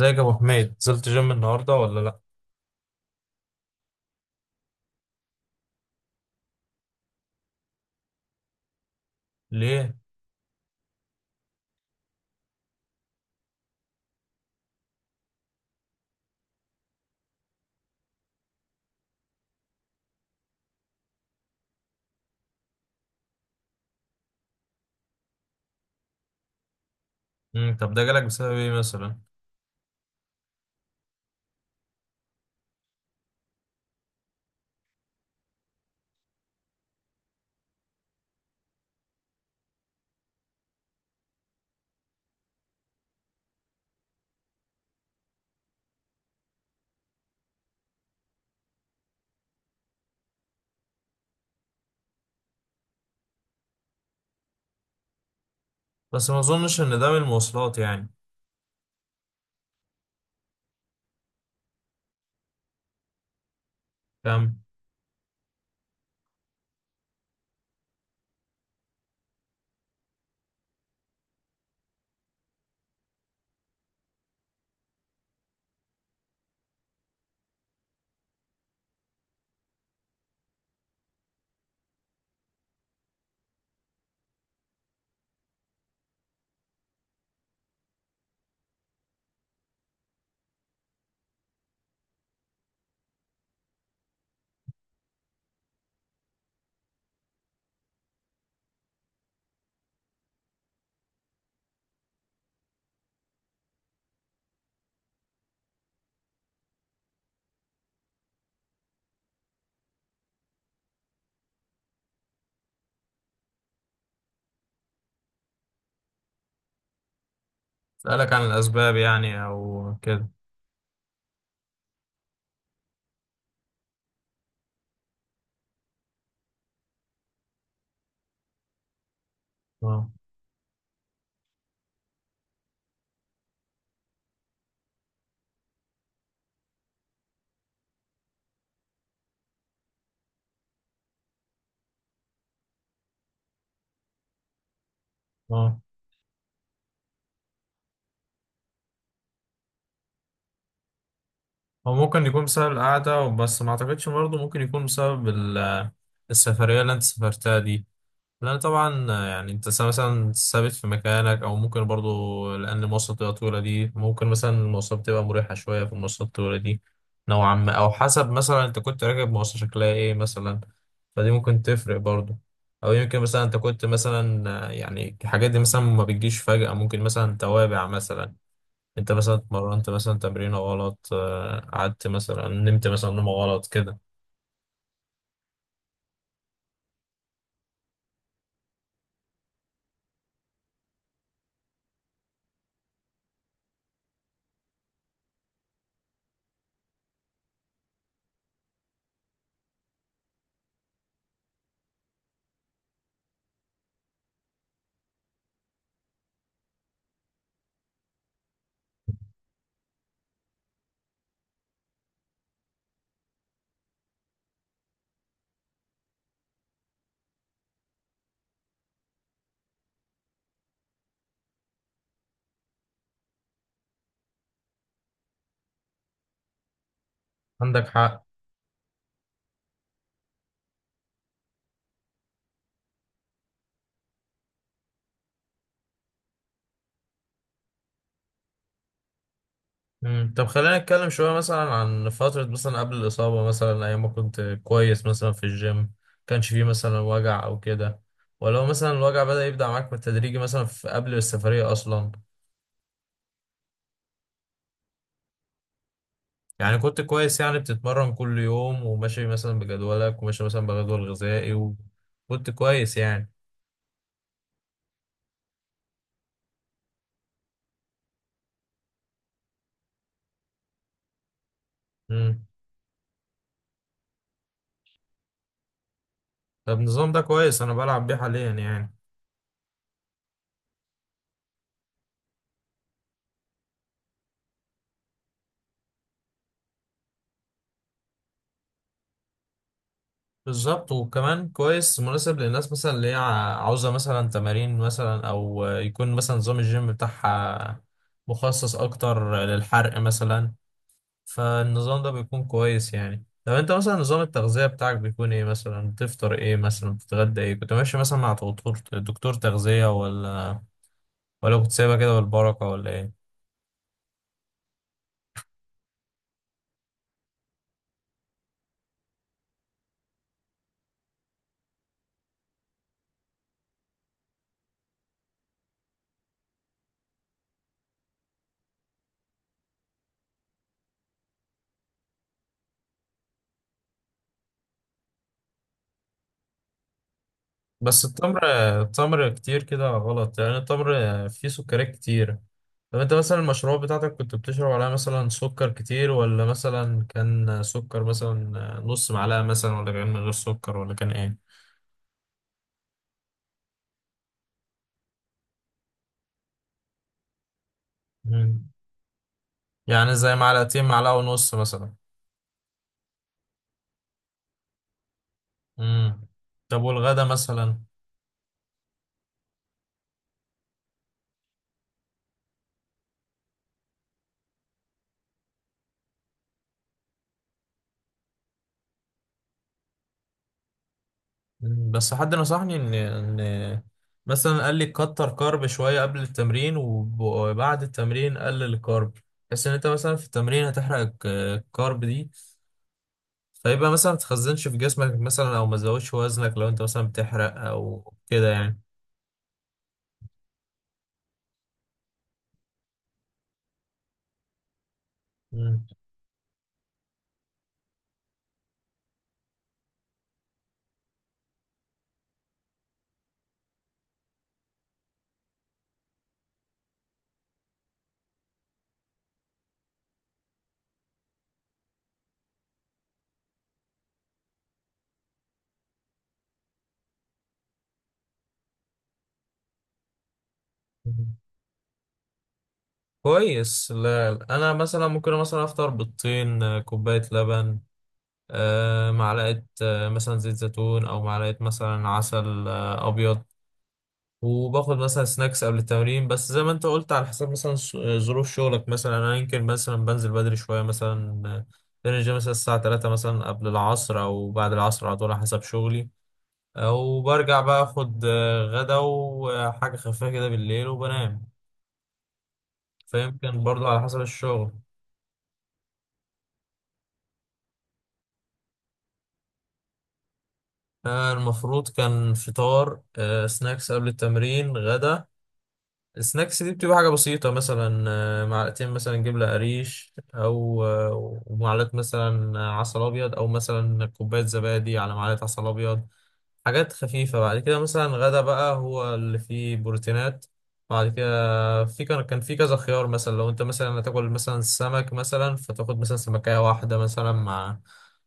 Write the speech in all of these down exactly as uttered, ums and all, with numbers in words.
ازيك يا ابو حميد؟ نزلت جيم النهارده ولا لا؟ ليه؟ امم طب ده جالك بسبب ايه مثلا؟ بس ما اظنش ان ده من المواصلات يعني. فاهم. سألك عن الاسباب يعني او كده؟ اه. اه، هو ممكن يكون بسبب القعده، بس ما اعتقدش برضه. ممكن يكون بسبب ال- السفريه اللي انت سافرتها دي. لا طبعا، يعني انت س- مثلا ثابت في مكانك، او ممكن برضو لان المواصلات بتبقى طويله دي. ممكن مثلا المواصلات بتبقى مريحه شويه، في المواصلات الطويله دي نوعا ما، او حسب مثلا انت كنت راكب مواصله شكلها ايه مثلا. فدي ممكن تفرق برضو. او يمكن مثلا انت كنت مثلا، آه، يعني الحاجات دي مثلا ما بتجيش فجاه، ممكن مثلا توابع مثلا. انت مثلا اتمرنت مثلا تمرينه غلط، آه، قعدت مثلا، نمت مثلا نومه غلط كده. عندك حق. مم. طب خلينا نتكلم شوية مثلا عن فترة مثلا قبل الإصابة، مثلا أيام ما كنت كويس مثلا في الجيم، كانش فيه مثلا وجع أو كده؟ ولو مثلا الوجع بدأ يبدأ معاك بالتدريج مثلا في قبل السفرية أصلا؟ يعني كنت كويس، يعني بتتمرن كل يوم وماشي مثلا بجدولك وماشي مثلا بجدول غذائي وكنت كويس يعني؟ مم. طب النظام ده كويس، أنا بلعب بيه حاليا يعني. بالظبط، وكمان كويس مناسب للناس مثلا اللي هي ع- عاوزة مثلا تمارين مثلا، أو يكون مثلا نظام الجيم بتاعها مخصص أكتر للحرق مثلا. فالنظام ده بيكون كويس يعني. طب أنت مثلا نظام التغذية بتاعك بيكون إيه مثلا؟ بتفطر إيه مثلا؟ بتتغدى إيه؟ كنت ماشي مثلا مع دكتور، دكتور تغذية، ولا ولا كنت سايبها كده بالبركة ولا إيه؟ بس التمر، التمر كتير كده غلط يعني. التمر فيه سكريات كتير. طب انت مثلا المشروب بتاعتك كنت بتشرب عليها مثلا سكر كتير، ولا مثلا كان سكر مثلا نص معلقة مثلا، ولا كان من غير سكر، ولا كان ايه؟ مم. يعني زي معلقتين، معلقة ونص مثلا؟ مم. طب والغدا مثلا؟ مم. بس حد نصحني ان ان مثلا قال لي كتر كارب شوية قبل التمرين، وب- وبعد التمرين قلل الكارب، بس ان انت مثلا في التمرين هتحرق الك- الكارب دي، فيبقى مثلا ما تخزنش في جسمك مثلا، او ما تزودش وزنك لو انت مثلا بتحرق او كده يعني. مم. كويس. لا انا مثلا ممكن مثلا افطر بيضتين، آه، كوبايه لبن، آه، معلقه، آه، مثلا زيت زيتون، او معلقه مثلا عسل آه، ابيض، وباخد مثلا سناكس قبل التمرين. بس زي ما انت قلت، على حسب مثلا، س- آه، ظروف شغلك مثلا. انا يمكن مثلا بنزل بدري شويه مثلا، آه، بنزل مثلا الساعه تلاته مثلا قبل العصر او بعد العصر على طول على حسب شغلي. وبرجع بقى اخد آه، غدا وحاجة خفيفة كده بالليل وبنام. فيمكن برضو على حسب الشغل. آه، المفروض كان فطار، آه، سناكس قبل التمرين، غدا. السناكس دي بتبقى حاجة بسيطة، مثلا آه، معلقتين مثلا جبنة قريش، أو آه، ومعلقة مثلا عسل أبيض، أو مثلا كوباية زبادي على معلقة عسل أبيض. حاجات خفيفة. بعد كده مثلا غدا بقى هو اللي فيه بروتينات. بعد كده في كان كان في كذا خيار، مثلا لو انت مثلا هتاكل مثلا سمك مثلا، فتاخد مثلا سمكية واحدة مثلا مع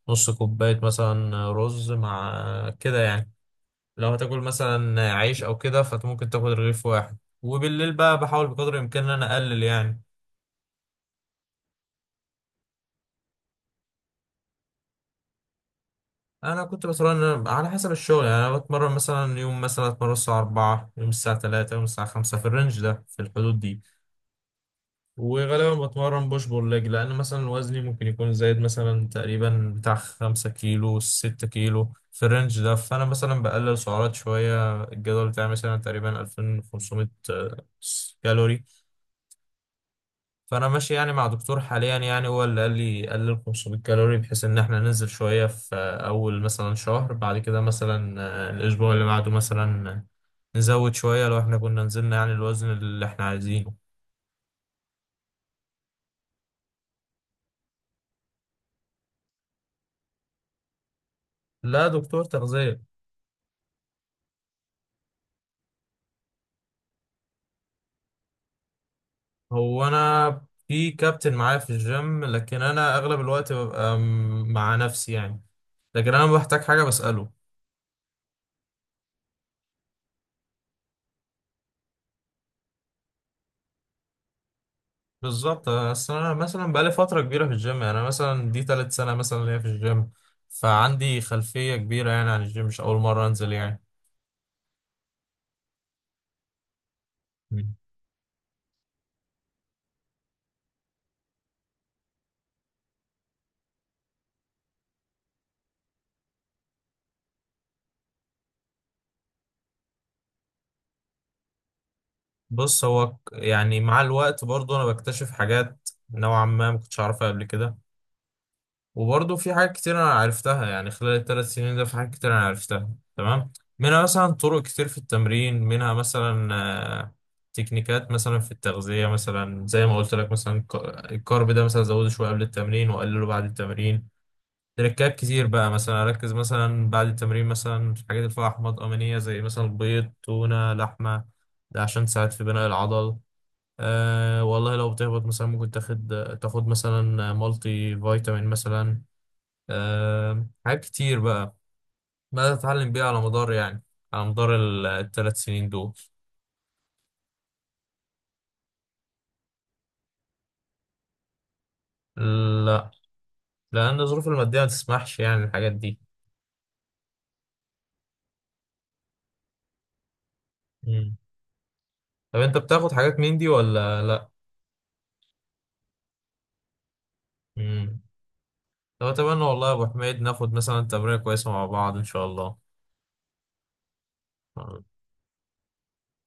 نص كوباية مثلا رز مع كده يعني. لو هتاكل مثلا عيش او كده فممكن تاخد رغيف واحد. وبالليل بقى بحاول بقدر الامكان ان انا اقلل يعني. انا كنت بتمرن على حسب الشغل يعني. انا بتمرن مثلا يوم مثلا اتمرن الساعة اربعه، يوم الساعة الثالثه، يوم الساعة خمسه، في الرينج ده، في الحدود دي. وغالبا بتمرن بوش بول ليج، لان مثلا وزني ممكن يكون زايد مثلا تقريبا بتاع خمسة كيلو ستة كيلو في الرينج ده. فانا مثلا بقلل سعرات شوية. الجدول بتاعي مثلا تقريبا الفين وخمسمئة كالوري. فانا ماشي يعني مع دكتور حاليا، يعني هو اللي قال لي قلل خمسميه كالوري، بحيث ان احنا ننزل شوية في اول مثلا شهر. بعد كده مثلا آه، الاسبوع اللي بعده مثلا نزود شوية لو احنا كنا نزلنا يعني الوزن اللي احنا عايزينه. لا، دكتور تغذية. هو انا في كابتن معايا في الجيم، لكن انا اغلب الوقت ببقى م- مع نفسي يعني، لكن انا لما بحتاج حاجه بساله. بالظبط، اصل انا مثلا بقالي فتره كبيره في الجيم. يعني انا مثلا دي تالت سنه مثلا ليا في الجيم. فعندي خلفيه كبيره يعني عن الجيم، مش اول مره انزل يعني. مم. بص هو، ك- يعني مع الوقت برضو انا بكتشف حاجات نوعا ما ما كنتش اعرفها قبل كده. وبرضه في حاجات كتير انا عرفتها يعني خلال الثلاث سنين ده، في حاجات كتير انا عرفتها. تمام. منها مثلا طرق كتير في التمرين، منها مثلا آه، تكنيكات مثلا في التغذية مثلا. زي ما قلت لك مثلا، ك- الكارب ده مثلا زوده شوية قبل التمرين وقلله بعد التمرين. تركات كتير بقى، مثلا اركز مثلا بعد التمرين مثلا في الحاجات اللي فيها احماض امينية، زي مثلا بيض، تونة، لحمة. ده عشان تساعد في بناء العضل. أه والله، لو بتهبط مثلا ممكن تاخد تاخد مثلا مالتي فيتامين مثلا. آه، حاجات كتير بقى بدأت أتعلم بيها على مدار يعني، على مدار ال- الثلاث سنين دول. لا، لأن الظروف المادية ما تسمحش يعني الحاجات دي. مم. طب أنت بتاخد حاجات من دي ولا لأ؟ مم. طب أتمنى والله يا أبو حميد ناخد مثلا تمرينة كويسة مع بعض إن شاء الله.